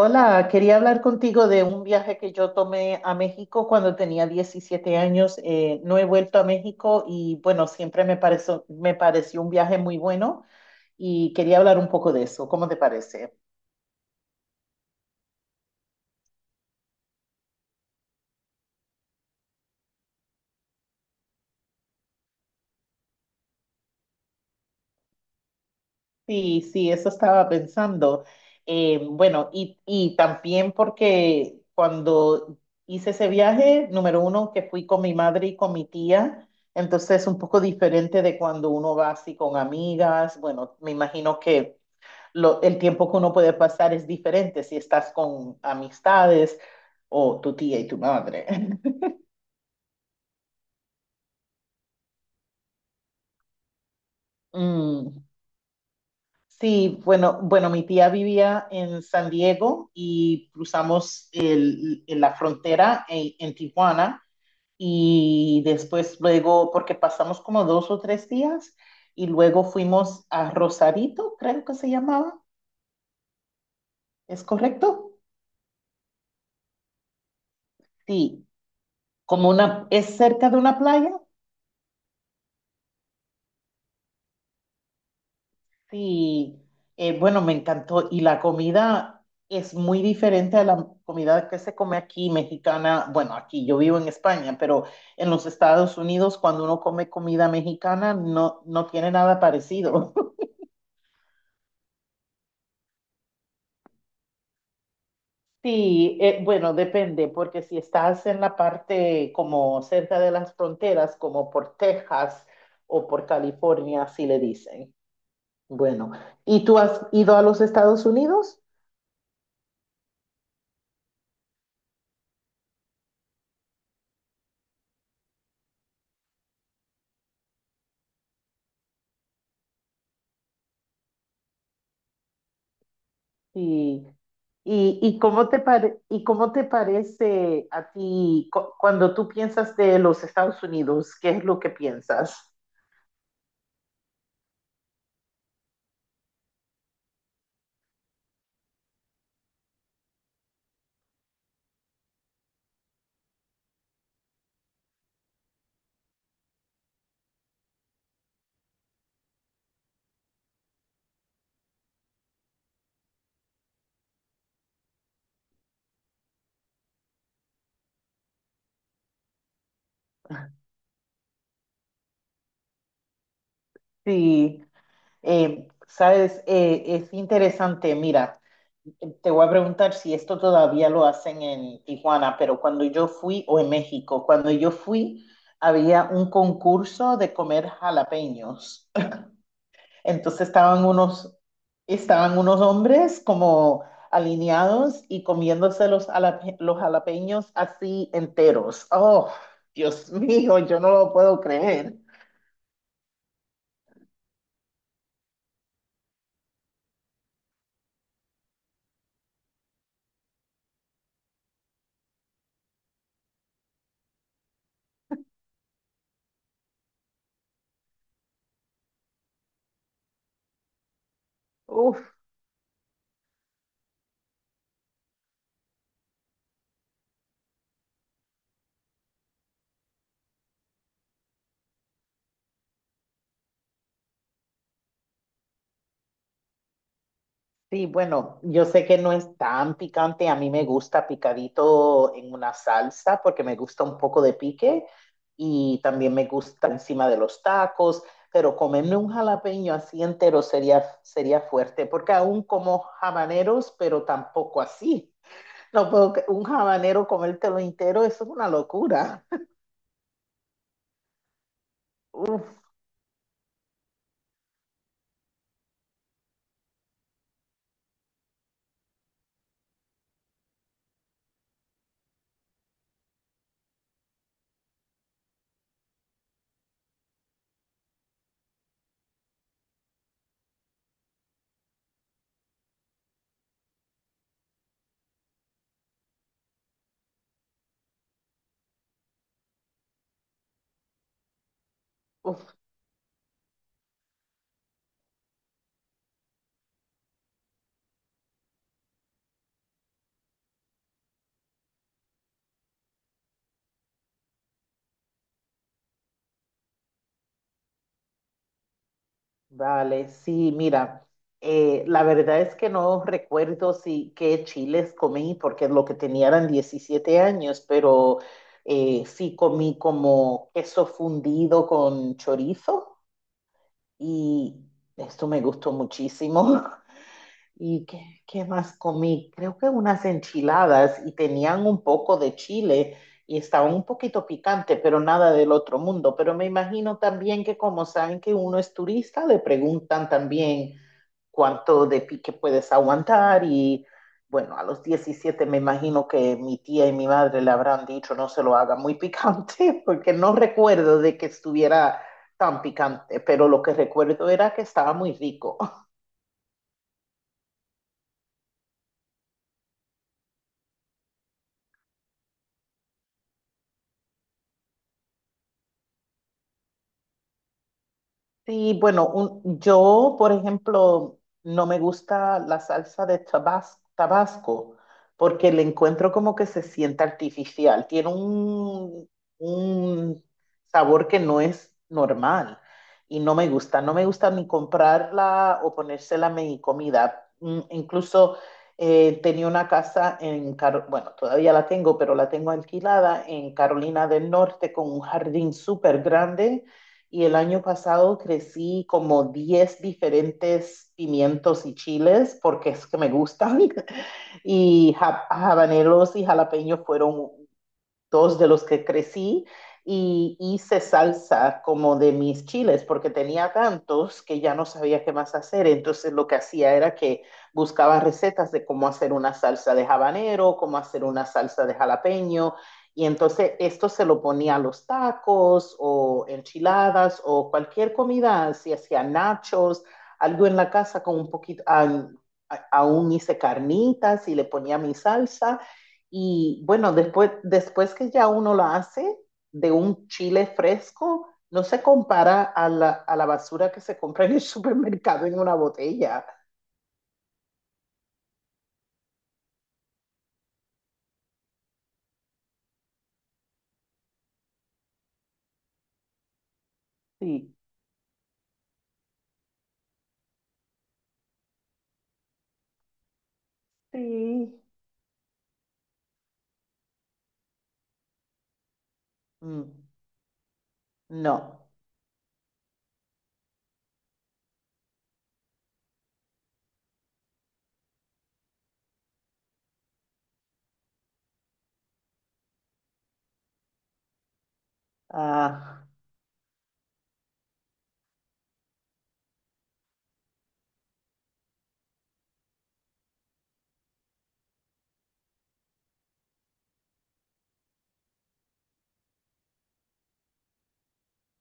Hola, quería hablar contigo de un viaje que yo tomé a México cuando tenía 17 años. No he vuelto a México y bueno, siempre me pareció un viaje muy bueno y quería hablar un poco de eso. ¿Cómo te parece? Sí, sí, eso estaba pensando. Bueno, y también porque cuando hice ese viaje, número uno, que fui con mi madre y con mi tía, entonces es un poco diferente de cuando uno va así con amigas. Bueno, me imagino que el tiempo que uno puede pasar es diferente si estás con amistades o tu tía y tu madre. Mm, Sí, bueno, mi tía vivía en San Diego y cruzamos la frontera en Tijuana y después luego, porque pasamos como 2 o 3 días y luego fuimos a Rosarito, creo que se llamaba, ¿es correcto? Sí, como una, es cerca de una playa. Sí, bueno, me encantó. Y la comida es muy diferente a la comida que se come aquí, mexicana. Bueno, aquí yo vivo en España, pero en los Estados Unidos, cuando uno come comida mexicana, no tiene nada parecido. Sí, bueno, depende, porque si estás en la parte como cerca de las fronteras, como por Texas o por California, así le dicen. Bueno, ¿y tú has ido a los Estados Unidos? Sí. ¿Y cómo te y cómo te parece a ti cuando tú piensas de los Estados Unidos? ¿Qué es lo que piensas? Sí, sabes, es interesante. Mira, te voy a preguntar si esto todavía lo hacen en Tijuana, pero cuando yo fui, o en México, cuando yo fui, había un concurso de comer jalapeños. Entonces estaban unos hombres como alineados y comiéndose los jalapeños así enteros. Oh, Dios mío, yo no lo puedo creer. Uf. Sí, bueno, yo sé que no es tan picante, a mí me gusta picadito en una salsa porque me gusta un poco de pique y también me gusta encima de los tacos, pero comerme un jalapeño así entero sería fuerte porque aún como habaneros, pero tampoco así. No puedo, que- un habanero comértelo entero, eso es una locura. Uf, uf. Vale, sí, mira, la verdad es que no recuerdo si qué chiles comí, porque lo que tenía eran 17 años, pero sí comí como queso fundido con chorizo y esto me gustó muchísimo. ¿Y qué, qué más comí? Creo que unas enchiladas y tenían un poco de chile y estaba un poquito picante, pero nada del otro mundo. Pero me imagino también que como saben que uno es turista, le preguntan también cuánto de pique puedes aguantar y bueno, a los 17 me imagino que mi tía y mi madre le habrán dicho no se lo haga muy picante porque no recuerdo de que estuviera tan picante, pero lo que recuerdo era que estaba muy rico. Sí, bueno, un- yo, por ejemplo, no me gusta la salsa de Tabasco porque le encuentro como que se siente artificial. Un sabor que no es normal y no me gusta. No me gusta ni comprarla o ponérsela a mi comida. Incluso tenía una casa en bueno, todavía la tengo, pero la tengo alquilada en Carolina del Norte con un jardín súper grande y el año pasado crecí como 10 diferentes pimientos y chiles porque es que me gustan. Y habaneros y jalapeños fueron dos de los que crecí y hice salsa como de mis chiles, porque tenía tantos que ya no sabía qué más hacer. Entonces lo que hacía era que buscaba recetas de cómo hacer una salsa de habanero, cómo hacer una salsa de jalapeño. Y entonces esto se lo ponía a los tacos o enchiladas o cualquier comida, si hacía nachos, algo en la casa con un poquito, aún hice carnitas y le ponía mi salsa y bueno, después que ya uno lo hace de un chile fresco, no se compara a a la basura que se compra en el supermercado en una botella. Sí, sí. Mm, no. Ah,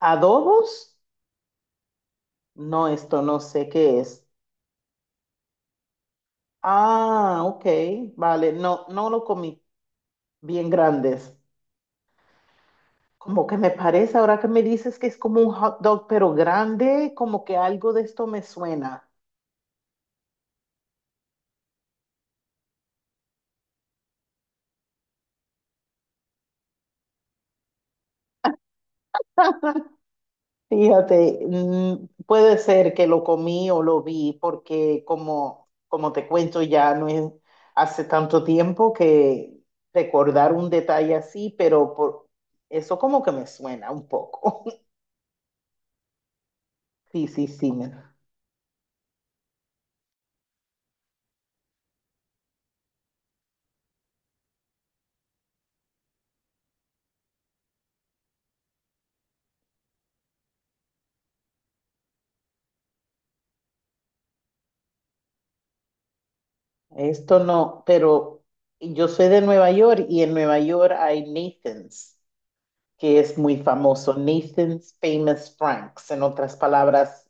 adobos, no, esto no sé qué es. Ah, ok, vale, no, no lo comí bien grandes. Como que me parece, ahora que me dices que es como un hot dog, pero grande, como que algo de esto me suena. Fíjate, mm, puede ser que lo comí o lo vi, porque como te cuento, ya no es hace tanto tiempo que recordar un detalle así, pero eso como que me suena un poco. Sí, sí, sí, mira, esto no, pero yo soy de Nueva York y en Nueva York hay Nathan's, que es muy famoso, Nathan's Famous Franks, en otras palabras,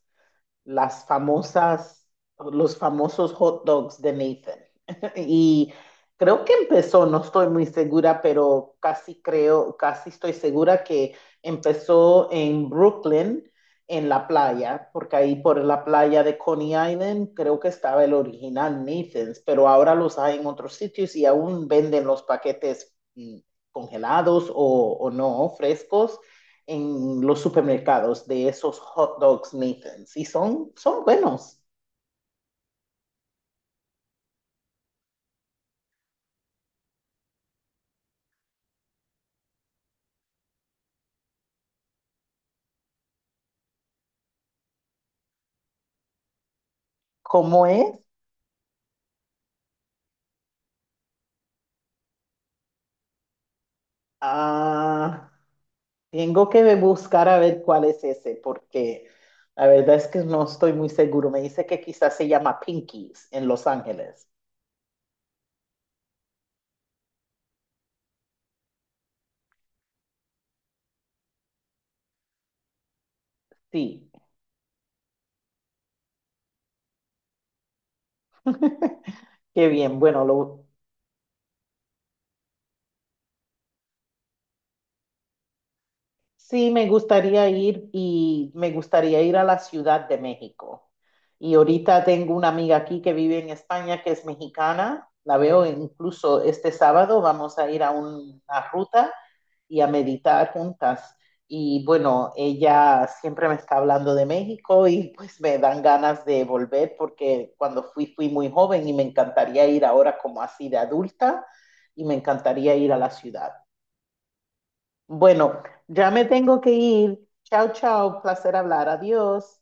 las famosas, los famosos hot dogs de Nathan. Y creo que empezó, no estoy muy segura, pero casi estoy segura que empezó en Brooklyn, en la playa, porque ahí por la playa de Coney Island creo que estaba el original Nathan's, pero ahora los hay en otros sitios y aún venden los paquetes congelados o no, frescos en los supermercados de esos hot dogs Nathan's y son buenos. ¿Cómo es? Ah, tengo que buscar a ver cuál es ese porque la verdad es que no estoy muy seguro. Me dice que quizás se llama Pinkies en Los Ángeles. Sí. Qué bien. Bueno, lo, sí, me gustaría ir y me gustaría ir a la Ciudad de México. Y ahorita tengo una amiga aquí que vive en España que es mexicana. La veo incluso este sábado. Vamos a ir a una ruta y a meditar juntas. Y bueno, ella siempre me está hablando de México y pues me dan ganas de volver porque cuando fui fui muy joven y me encantaría ir ahora como así de adulta y me encantaría ir a la ciudad. Bueno, ya me tengo que ir. Chao, chao. Placer hablar. Adiós.